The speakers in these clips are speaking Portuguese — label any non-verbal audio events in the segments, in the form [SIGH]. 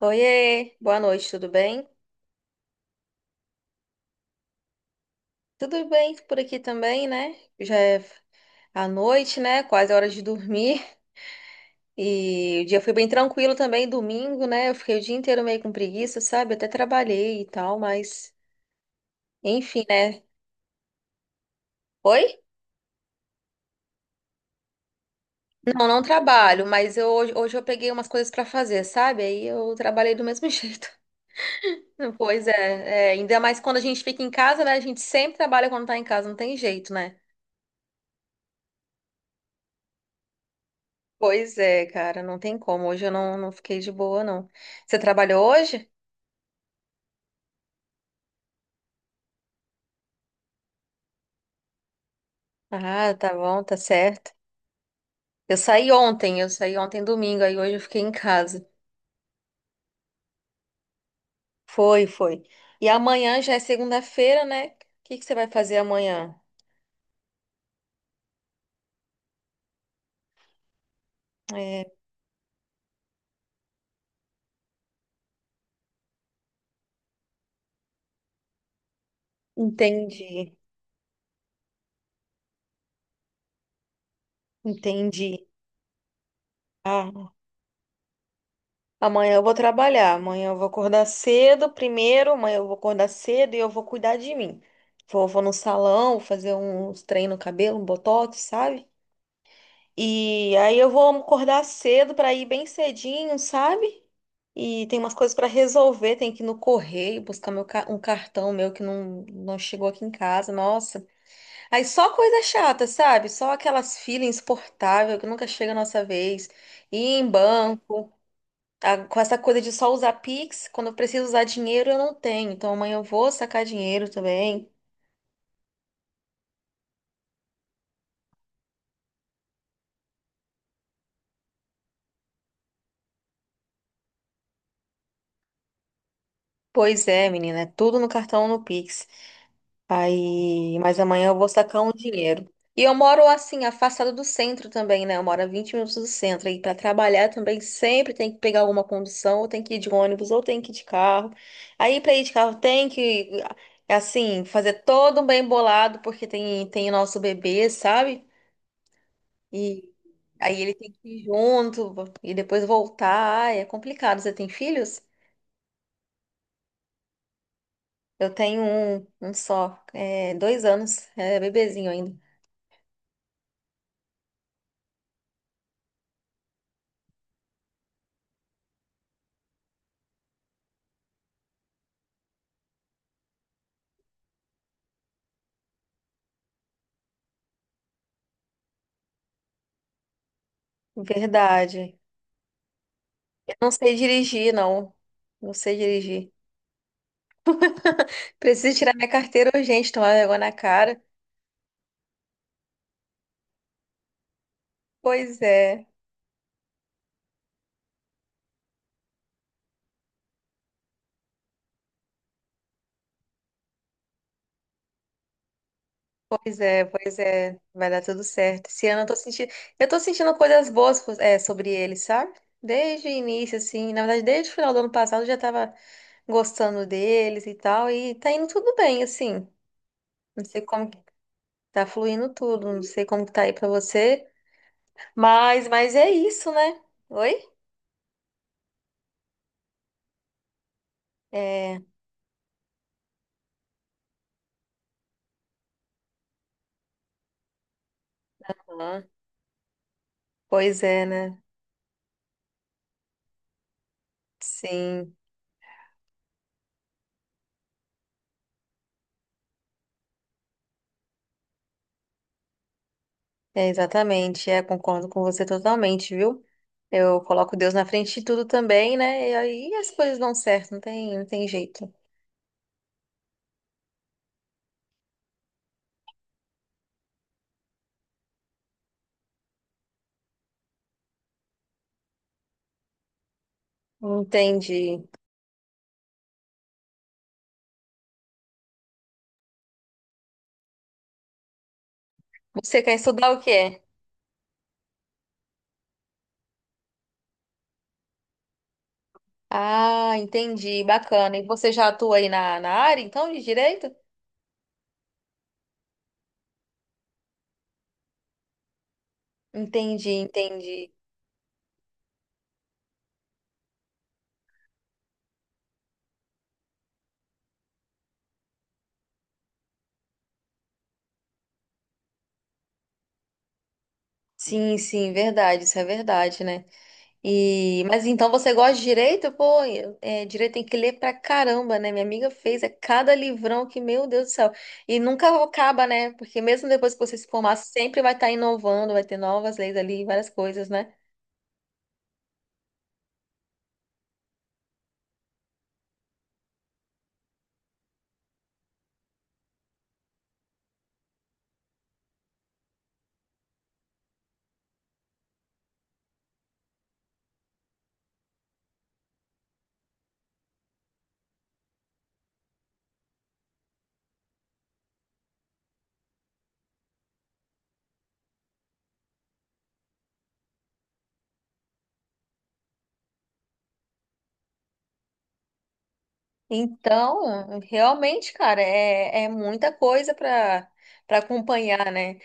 Oiê, boa noite, tudo bem? Tudo bem por aqui também, né? Já é a noite, né? Quase a hora de dormir. E o dia foi bem tranquilo também, domingo, né? Eu fiquei o dia inteiro meio com preguiça, sabe? Até trabalhei e tal, mas enfim, né? Oi? Não, não trabalho, mas eu, hoje eu peguei umas coisas pra fazer, sabe? Aí eu trabalhei do mesmo [LAUGHS] jeito. Pois é, é, ainda mais quando a gente fica em casa, né? A gente sempre trabalha quando tá em casa, não tem jeito, né? Pois é, cara, não tem como. Hoje eu não, não fiquei de boa, não. Você trabalhou hoje? Ah, tá bom, tá certo. Eu saí ontem domingo, aí hoje eu fiquei em casa. Foi, foi. E amanhã já é segunda-feira, né? O que que você vai fazer amanhã? É, entendi, entendi. Ah, amanhã eu vou trabalhar, amanhã eu vou acordar cedo primeiro, amanhã eu vou acordar cedo e eu vou cuidar de mim. Vou, vou no salão, vou fazer uns treinos no cabelo, um botox, sabe? E aí eu vou acordar cedo para ir bem cedinho, sabe? E tem umas coisas para resolver, tem que ir no correio buscar um cartão meu que não, não chegou aqui em casa, nossa. Aí só coisa chata, sabe? Só aquelas filas insuportáveis que nunca chega a nossa vez. Ir em banco, tá? Com essa coisa de só usar Pix, quando eu preciso usar dinheiro eu não tenho, então amanhã eu vou sacar dinheiro também. Pois é, menina, é tudo no cartão ou no Pix. Aí, mas amanhã eu vou sacar um dinheiro. E eu moro assim, afastado do centro também, né? Eu moro a 20 minutos do centro. E para trabalhar também sempre tem que pegar alguma condução, ou tem que ir de ônibus, ou tem que ir de carro. Aí para ir de carro tem que, assim, fazer todo um bem bolado, porque tem o nosso bebê, sabe? E aí ele tem que ir junto e depois voltar. Ai, é complicado. Você tem filhos? Eu tenho um, um só, é, 2 anos, é bebezinho ainda. Verdade. Não sei dirigir, não. Não sei dirigir. Preciso tirar minha carteira urgente, tomar vergonha na cara. Pois é, pois é. Vai dar tudo certo. Esse ano eu tô sentindo coisas boas, é, sobre ele, sabe? Desde o início, assim. Na verdade, desde o final do ano passado eu já tava gostando deles e tal. E tá indo tudo bem, assim. Não sei como que tá fluindo tudo. Não sei como que tá aí pra você. Mas é isso, né? Oi? É, aham. Pois é, né? Sim. É, exatamente, é, concordo com você totalmente, viu? Eu coloco Deus na frente de tudo também, né? E aí as coisas dão certo, não tem, não tem jeito. Entendi. Você quer estudar o quê? Ah, entendi, bacana. E você já atua aí na área, então, de direito? Entendi, entendi. Sim, sim, verdade, isso é verdade, né? E, mas então você gosta de direito? Pô, é, direito tem que ler pra caramba, né? Minha amiga fez é cada livrão que, meu Deus do céu. E nunca acaba, né? Porque mesmo depois que você se formar, sempre vai estar inovando, vai ter novas leis ali, várias coisas, né? Então, realmente, cara, é, é muita coisa para acompanhar, né?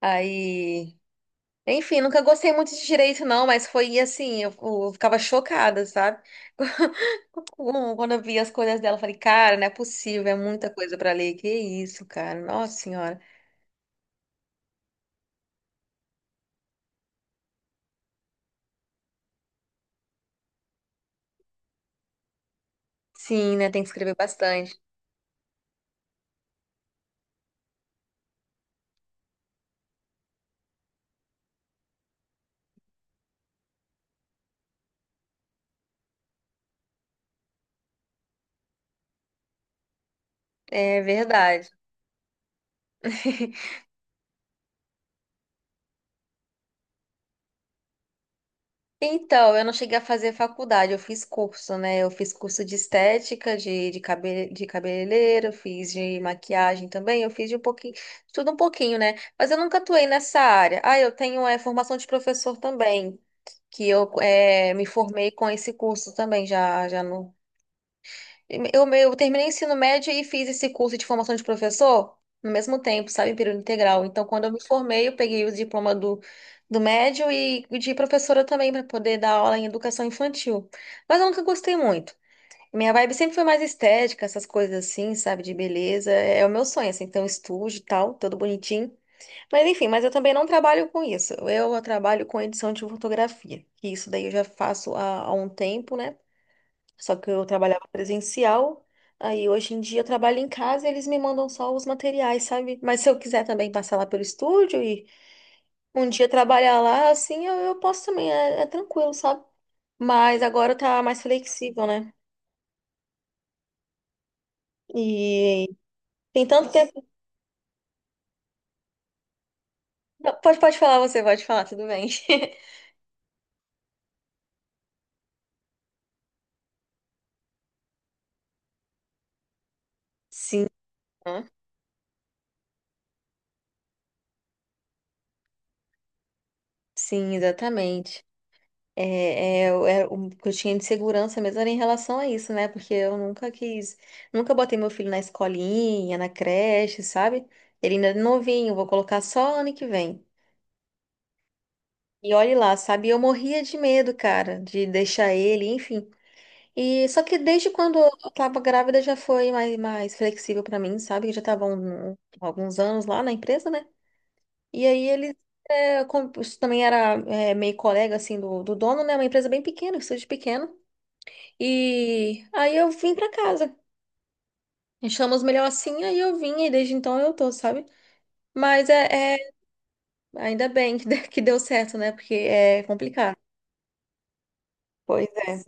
Aí, enfim, nunca gostei muito de direito, não, mas foi assim, eu ficava chocada, sabe? [LAUGHS] Quando eu vi as coisas dela, eu falei, cara, não é possível, é muita coisa pra ler. Que isso, cara? Nossa senhora. Sim, né? Tem que escrever bastante. É verdade. [LAUGHS] Então, eu não cheguei a fazer faculdade, eu fiz curso, né? Eu fiz curso de estética, de cabeleireiro, eu fiz de maquiagem também, eu fiz de um pouquinho, tudo um pouquinho, né? Mas eu nunca atuei nessa área. Ah, eu tenho é, formação de professor também, que eu é, me formei com esse curso também, já no. Eu terminei ensino médio e fiz esse curso de formação de professor no mesmo tempo, sabe, em período integral. Então, quando eu me formei, eu peguei o diploma do, do médio e de professora também para poder dar aula em educação infantil. Mas eu nunca gostei muito. Minha vibe sempre foi mais estética, essas coisas assim, sabe, de beleza. É é o meu sonho, assim, ter um estúdio e tal, todo bonitinho. Mas enfim, mas eu também não trabalho com isso. Eu trabalho com edição de fotografia. E isso daí eu já faço há um tempo, né? Só que eu trabalhava presencial, aí hoje em dia eu trabalho em casa e eles me mandam só os materiais, sabe? Mas se eu quiser também passar lá pelo estúdio e um dia trabalhar lá, assim, eu posso também, é, é tranquilo, sabe? Mas agora tá mais flexível, né? E tem tanto tempo. Pode, pode falar, você pode falar, tudo bem. [LAUGHS] Sim, né? Sim, exatamente. É, é, é o que eu tinha de segurança mesmo era em relação a isso, né? Porque eu nunca quis, nunca botei meu filho na escolinha, na creche, sabe? Ele ainda é novinho, vou colocar só ano que vem. E olhe lá, sabe? Eu morria de medo, cara, de deixar ele, enfim. E só que desde quando eu tava grávida já foi mais flexível pra mim, sabe? Eu já tava alguns anos lá na empresa, né? E aí ele é, isso também era é, meio colega assim do dono, né? Uma empresa bem pequena, um estúdio pequeno. E aí eu vim pra casa. Achamos melhor assim, aí eu vim e desde então eu tô, sabe? Mas ainda bem que [LAUGHS] que deu certo, né? Porque é complicado. Pois é.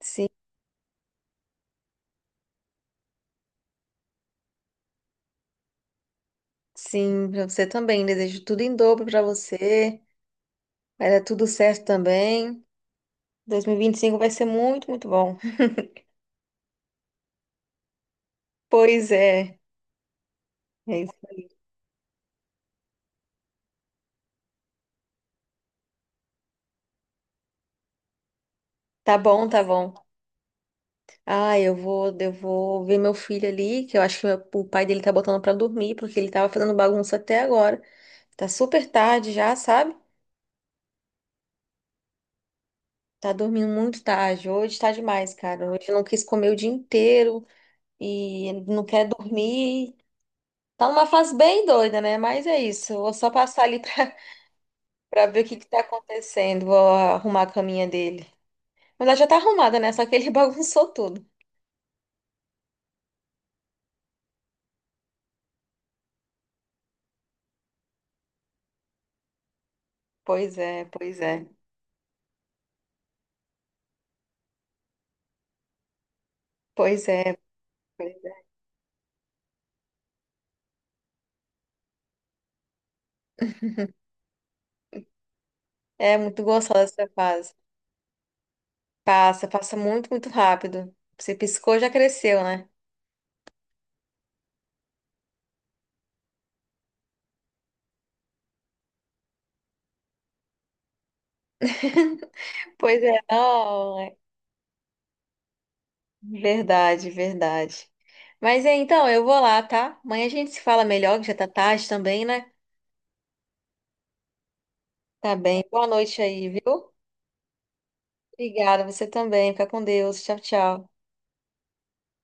Sim, sim, pra você também. Desejo tudo em dobro pra você. Vai dar tudo certo também. 2025 vai ser muito, muito bom. [LAUGHS] Pois é. É isso. Tá bom, tá bom. Ah, eu vou ver meu filho ali, que eu acho que o pai dele tá botando pra dormir, porque ele tava fazendo bagunça até agora. Tá super tarde já, sabe? Tá dormindo muito tarde. Hoje tá demais, cara. Hoje eu não quis comer o dia inteiro e não quer dormir. Tá numa fase bem doida, né? Mas é isso. Eu vou só passar ali pra, [LAUGHS] pra ver o que que tá acontecendo. Vou arrumar a caminha dele. Mas ela já tá arrumada, né? Só que ele [LAUGHS] bagunçou tudo. Pois é, pois é. Pois é. Pois É é muito gostosa essa fase. Passa, passa muito, muito rápido. Você piscou, já cresceu, né? [LAUGHS] Pois é, não. é. Verdade, verdade. Mas é, então, eu vou lá, tá? Amanhã a gente se fala melhor, que já tá tarde também, né? Tá bem. Boa noite aí, viu? Obrigada, você também. Fica com Deus. Tchau, tchau.